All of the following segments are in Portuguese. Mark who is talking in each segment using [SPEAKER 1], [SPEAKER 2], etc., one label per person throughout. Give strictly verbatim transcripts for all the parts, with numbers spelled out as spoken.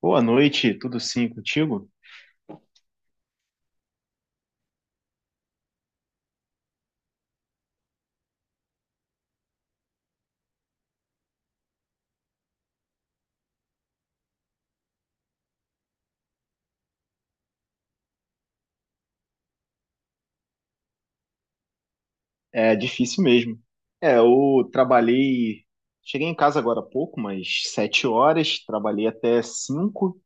[SPEAKER 1] Boa noite, tudo sim contigo? É difícil mesmo. É, eu trabalhei, cheguei em casa agora há pouco, mas sete horas, trabalhei até cinco.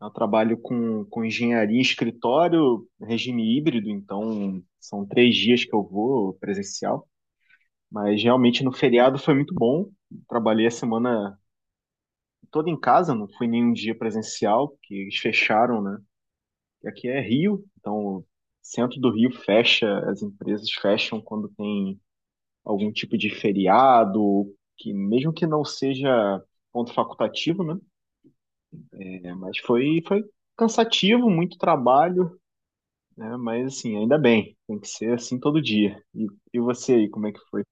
[SPEAKER 1] Eu trabalho com, com engenharia em escritório, regime híbrido, então são três dias que eu vou presencial. Mas realmente no feriado foi muito bom. Trabalhei a semana toda em casa, não fui nenhum dia presencial, porque eles fecharam, né? E Aqui é Rio, então o centro do Rio fecha, as empresas fecham quando tem algum tipo de feriado, que mesmo que não seja ponto facultativo, né? É, mas foi, foi cansativo, muito trabalho, né? Mas assim, ainda bem, tem que ser assim todo dia. E, e você aí, como é que foi?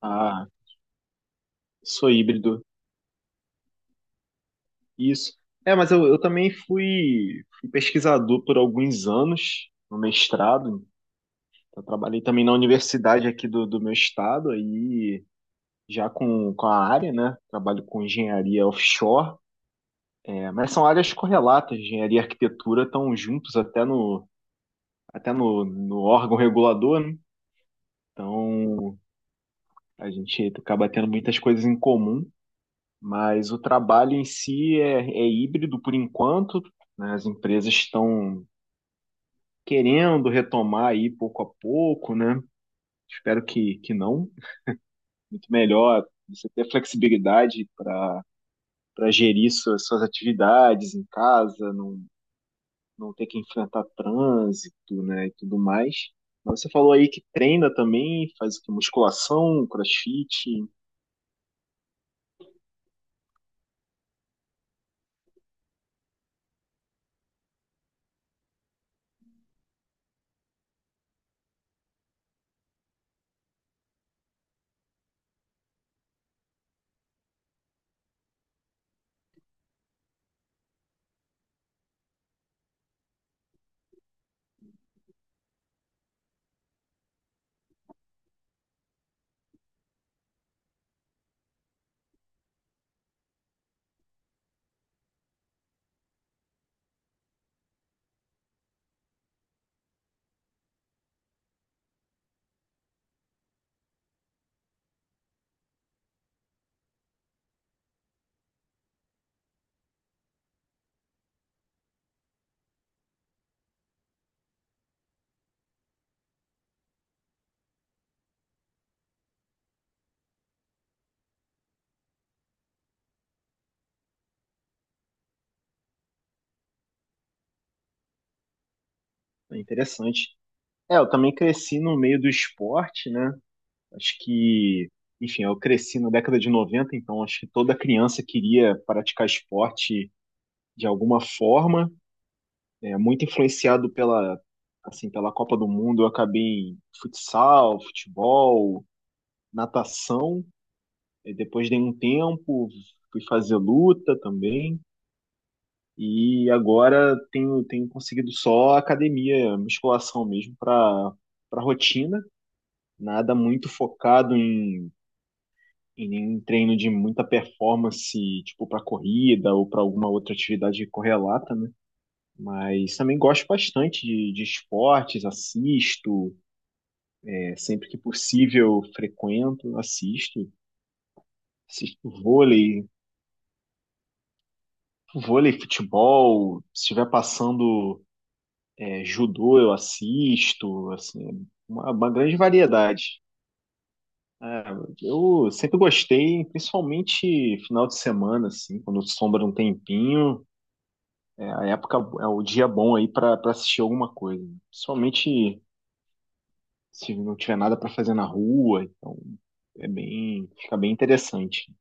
[SPEAKER 1] Ah, sou híbrido, isso. É, mas eu, eu também fui, fui pesquisador por alguns anos no mestrado. Eu trabalhei também na universidade aqui do, do meu estado, aí já com, com a área, né? Trabalho com engenharia offshore. Mas são áreas correlatas, engenharia e arquitetura estão juntos até no, até no, no órgão regulador, né? Então a gente acaba tendo muitas coisas em comum, mas o trabalho em si é, é híbrido por enquanto, né? As empresas estão querendo retomar aí pouco a pouco, né? Espero que, que não. Muito melhor você ter flexibilidade para para gerir suas, suas atividades em casa, não, não ter que enfrentar trânsito, né, e tudo mais. Mas você falou aí que treina também, faz o quê? Musculação, crossfit, é interessante. É, eu também cresci no meio do esporte, né? Acho que, enfim, eu cresci na década de noventa, então acho que toda criança queria praticar esporte de alguma forma. É, muito influenciado pela, assim, pela Copa do Mundo, eu acabei em futsal, futebol, natação. E depois dei um tempo, fui fazer luta também. E agora tenho, tenho conseguido só academia, musculação mesmo, para para rotina. Nada muito focado em, em nenhum treino de muita performance, tipo para corrida ou para alguma outra atividade correlata, né? Mas também gosto bastante de, de esportes, assisto, é, sempre que possível frequento, assisto. Assisto vôlei, Vôlei, futebol, se estiver passando é, judô, eu assisto, assim, uma, uma grande variedade. É, eu sempre gostei, principalmente final de semana, assim, quando sobra um tempinho, é, a época é o dia bom aí para assistir alguma coisa. Principalmente se não tiver nada para fazer na rua, então é bem, fica bem interessante.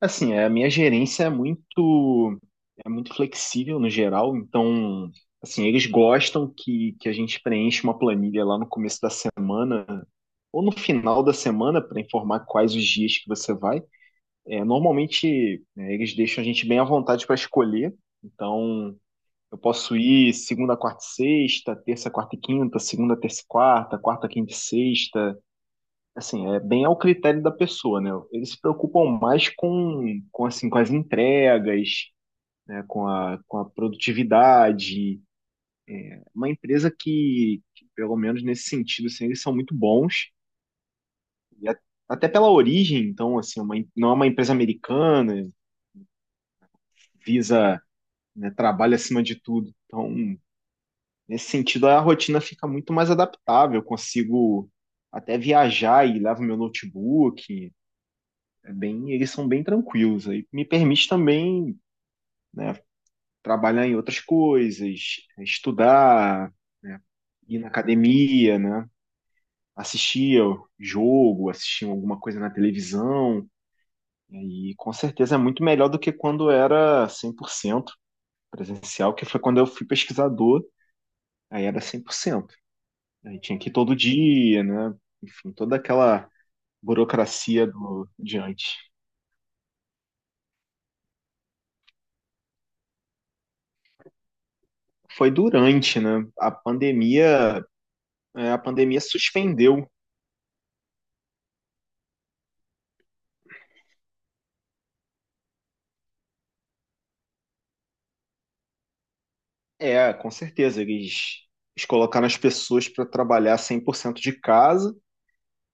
[SPEAKER 1] Assim, é, a minha gerência é muito é muito flexível no geral, então, assim, eles gostam que, que a gente preencha uma planilha lá no começo da semana ou no final da semana para informar quais os dias que você vai. É, normalmente, né, eles deixam a gente bem à vontade para escolher, então eu posso ir segunda, quarta e sexta, terça, quarta e quinta, segunda, terça e quarta, quarta, quinta e sexta, assim, é bem ao critério da pessoa, né? Eles se preocupam mais com, com, assim, com as entregas, né? Com a, com a produtividade. Uma empresa que, que, pelo menos nesse sentido, assim, eles são muito bons. E a- Até pela origem, então, assim, é uma em- não é uma empresa americana, visa, né, trabalho acima de tudo. Então, nesse sentido, a rotina fica muito mais adaptável. Eu consigo até viajar e levo meu notebook. É bem, eles são bem tranquilos. Aí me permite também, né, trabalhar em outras coisas, estudar, né, ir na academia, né, assistir ao jogo, assistir alguma coisa na televisão. E com certeza é muito melhor do que quando era cem por cento presencial, que foi quando eu fui pesquisador, aí era cem por cento. Aí tinha que ir todo dia, né? Enfim, toda aquela burocracia do diante. Foi durante, né? A pandemia. É, a pandemia suspendeu. É, com certeza, eles, eles colocaram as pessoas para trabalhar cem por cento de casa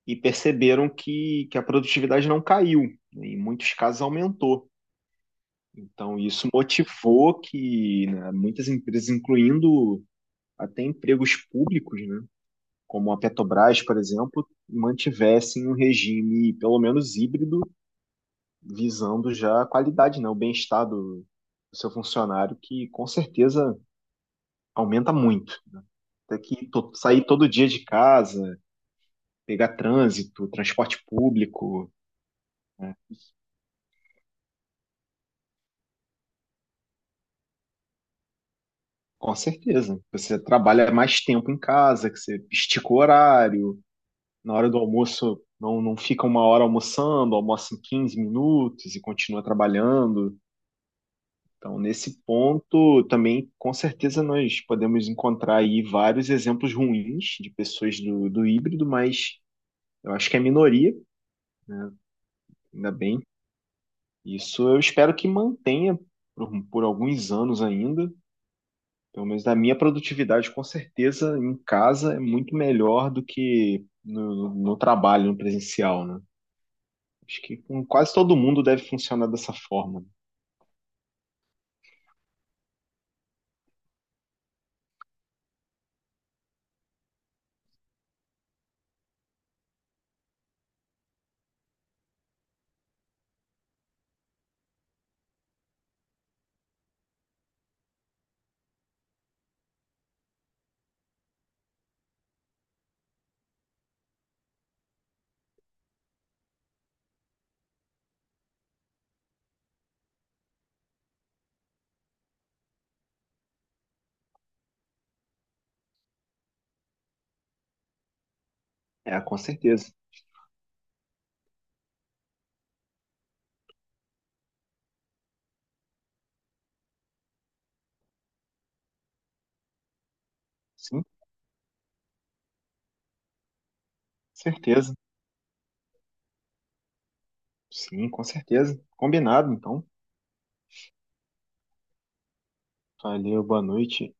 [SPEAKER 1] e perceberam que, que a produtividade não caiu, né, em muitos casos aumentou. Então, isso motivou que né, muitas empresas, incluindo até empregos públicos, né, como a Petrobras, por exemplo, mantivessem um regime, pelo menos híbrido, visando já a qualidade, né, o bem-estar do, do seu funcionário, que com certeza aumenta muito, né? Ter que to- sair todo dia de casa, pegar trânsito, transporte público, né? Com certeza. Você trabalha mais tempo em casa, que você estica o horário, na hora do almoço não, não fica uma hora almoçando, almoça em quinze minutos e continua trabalhando. Então, nesse ponto, também, com certeza, nós podemos encontrar aí vários exemplos ruins de pessoas do, do híbrido, mas eu acho que é minoria, ainda bem. Isso eu espero que mantenha por, por alguns anos ainda. Pelo menos a minha produtividade, com certeza, em casa é muito melhor do que no, no trabalho, no presencial, né? Acho que com quase todo mundo deve funcionar dessa forma. É, com certeza. Sim, certeza. Sim, com certeza. Combinado, então. Valeu, boa noite.